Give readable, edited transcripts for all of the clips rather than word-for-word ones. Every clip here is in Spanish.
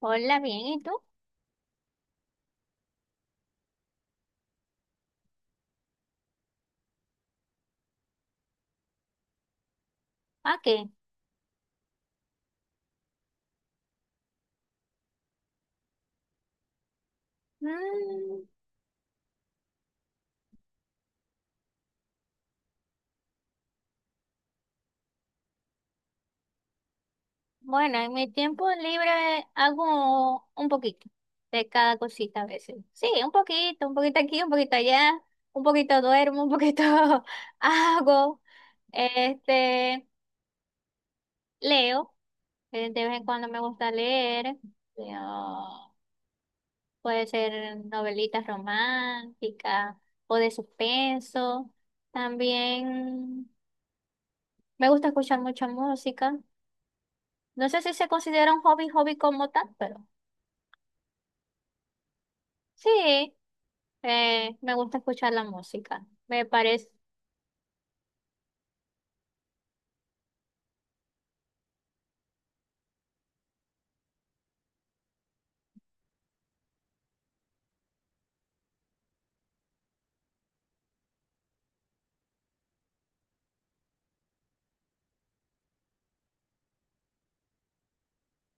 Hola, bien, ¿y tú? ¿A qué? Mm, bueno, en mi tiempo libre hago un poquito de cada cosita a veces. Sí, un poquito aquí, un poquito allá, un poquito duermo, un poquito hago, este, leo, de vez en cuando me gusta leer, leo, puede ser novelitas románticas o de suspenso, también me gusta escuchar mucha música. No sé si se considera un hobby como tal, pero sí, me gusta escuchar la música. Me parece,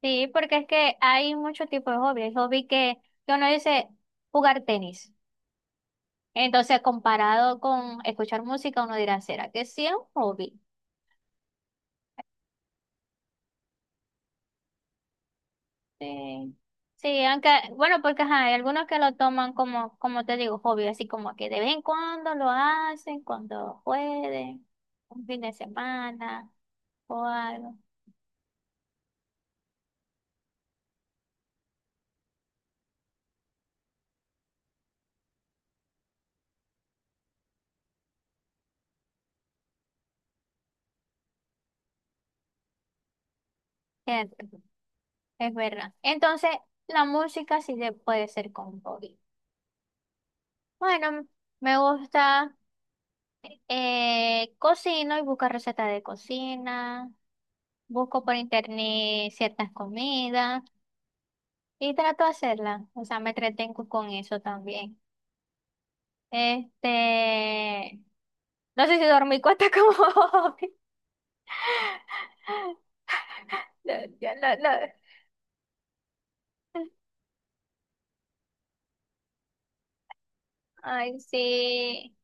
sí, porque es que hay muchos tipos de hobby. Hay hobby que uno dice jugar tenis. Entonces, comparado con escuchar música, uno dirá, ¿será que sí es un hobby? Sí. Sí, aunque, bueno, porque ajá, hay algunos que lo toman como, como te digo, hobby, así como que de vez en cuando lo hacen, cuando pueden, un fin de semana o algo. ¿Cierto? Es verdad. Entonces, la música sí se puede ser con hobby. Bueno, me gusta, cocino y busco recetas de cocina, busco por internet ciertas comidas y trato de hacerlas. O sea, me entretengo con eso también. Este, no sé si dormí cuenta como hobby. No, yo no- no. Ay, sí.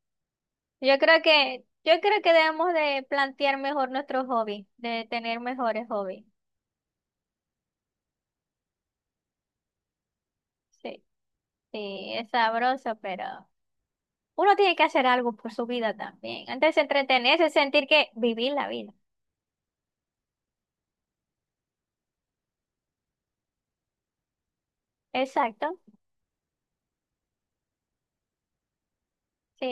Yo creo que debemos de plantear mejor nuestros hobbies, de tener mejores hobbies. Sí, sí, es sabroso, pero uno tiene que hacer algo por su vida también. Antes de entretenerse, sentir que vivir la vida. Exacto. Sí,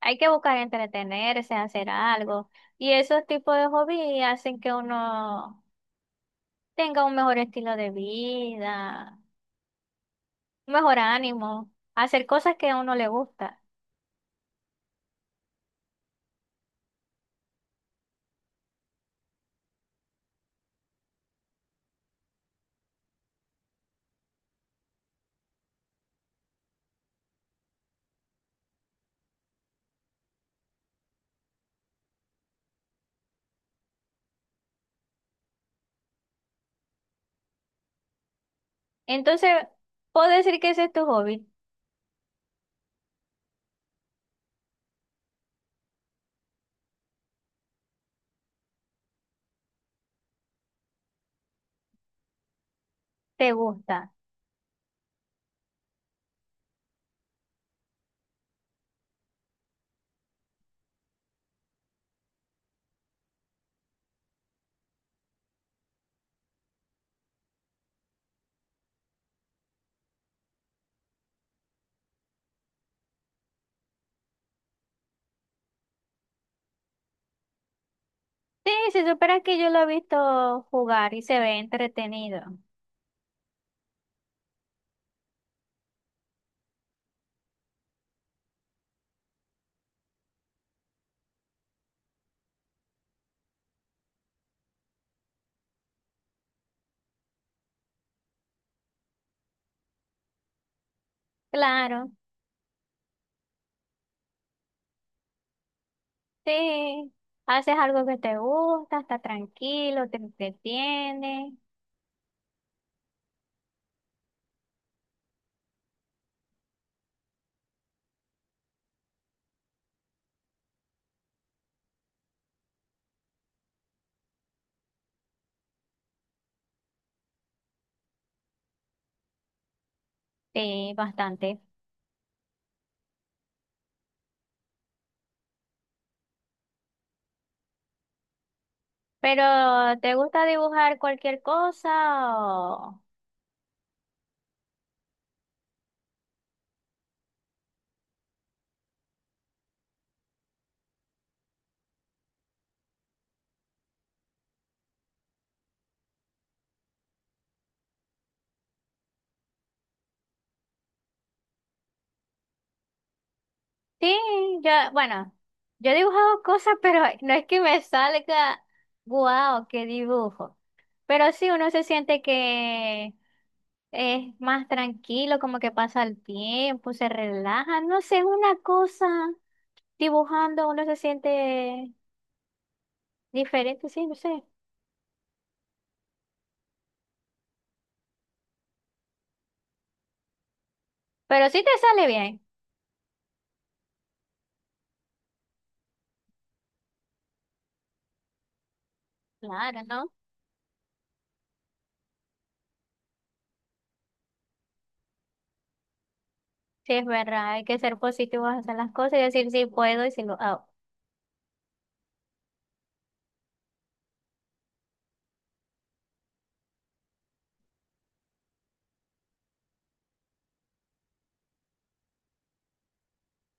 hay que buscar entretenerse, hacer algo. Y esos tipos de hobbies hacen que uno tenga un mejor estilo de vida, un mejor ánimo, hacer cosas que a uno le gusta. Entonces, puedo decir que ese es tu hobby, te gusta. Sí, se supone que yo lo he visto jugar y se ve entretenido. Claro. Sí, haces algo que te gusta, está tranquilo, te entretiene, sí, bastante. Pero, ¿te gusta dibujar cualquier cosa? O... Sí, yo, bueno, yo he dibujado cosas, pero no es que me salga, guau, qué dibujo. Pero sí, uno se siente que es más tranquilo, como que pasa el tiempo, se relaja, no sé, una cosa, dibujando uno se siente diferente, sí, no sé. Pero sí te sale bien, claro, ¿no? Sí, es verdad, hay que ser positivos, hacer las cosas y decir sí puedo y si lo hago.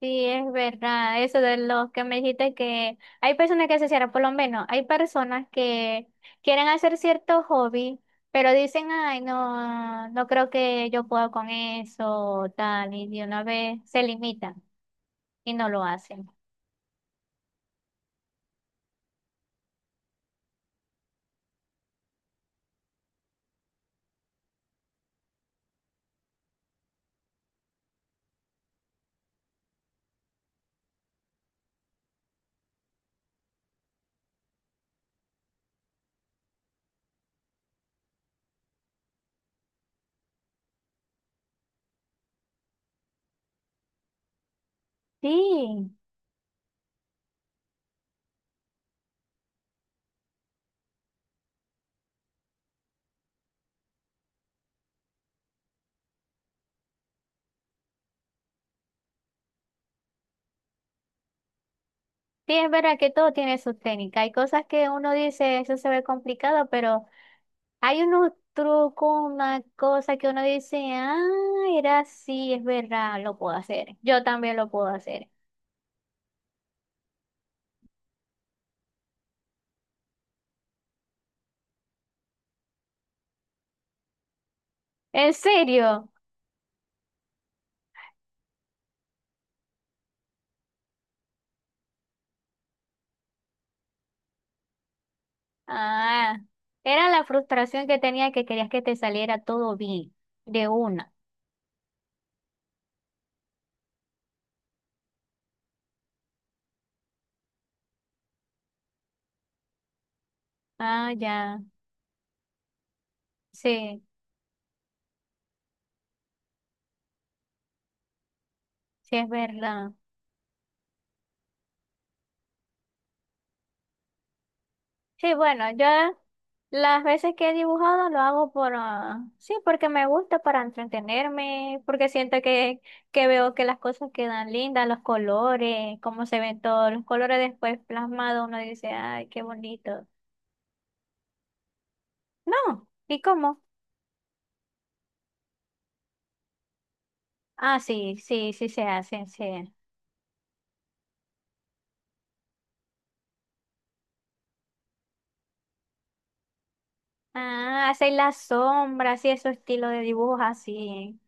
Sí, es verdad, eso de los que me dijiste que hay personas que se cierran, por lo menos, hay personas que quieren hacer cierto hobby, pero dicen, ay, no, no creo que yo pueda con eso, tal, y de una vez se limitan y no lo hacen. Sí, sí, es verdad que todo tiene su técnica. Hay cosas que uno dice, eso se ve complicado, pero... Hay unos trucos, una cosa que uno dice, ah, era así, es verdad, lo puedo hacer. Yo también lo puedo hacer. ¿En serio? Ah, era la frustración que tenía que querías que te saliera todo bien, de una. Ah, ya, sí, sí es verdad. Sí, bueno, yo las veces que he dibujado lo hago por, ah, sí, porque me gusta para entretenerme, porque siento que veo que las cosas quedan lindas, los colores, cómo se ven todos los colores después plasmados, uno dice, ay, qué bonito. No, ¿y cómo? Ah, sí, sí, sí se hacen, sí. Ah, hacen las sombras y esos estilos de dibujos así.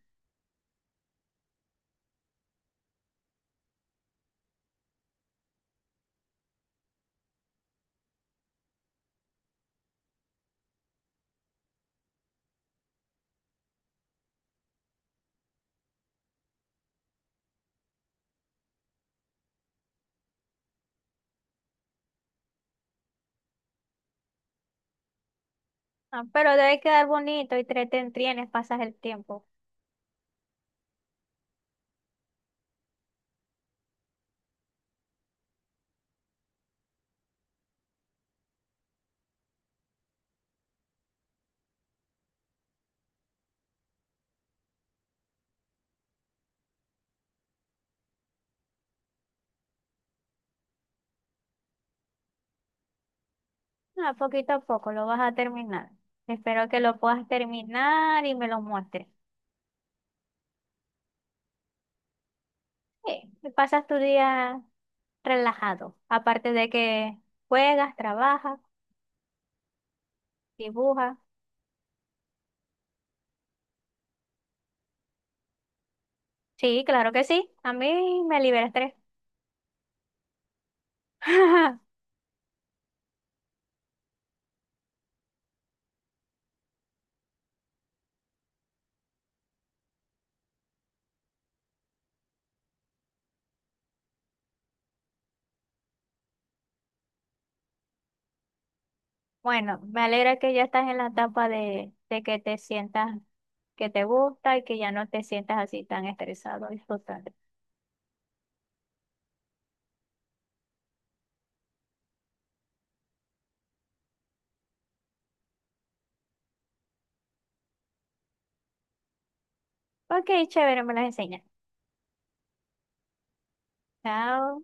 Ah, pero debe quedar bonito y te entretienes, pasas el tiempo. Ah, poquito a poco lo vas a terminar. Espero que lo puedas terminar y me lo muestres. Sí, y pasas tu día relajado. Aparte de que juegas, trabajas, dibujas. Sí, claro que sí. A mí me libera estrés. Bueno, me alegra que ya estás en la etapa de que te sientas que te gusta y que ya no te sientas así tan estresado y frustrante. Ok, chévere, me las enseñas. Chao.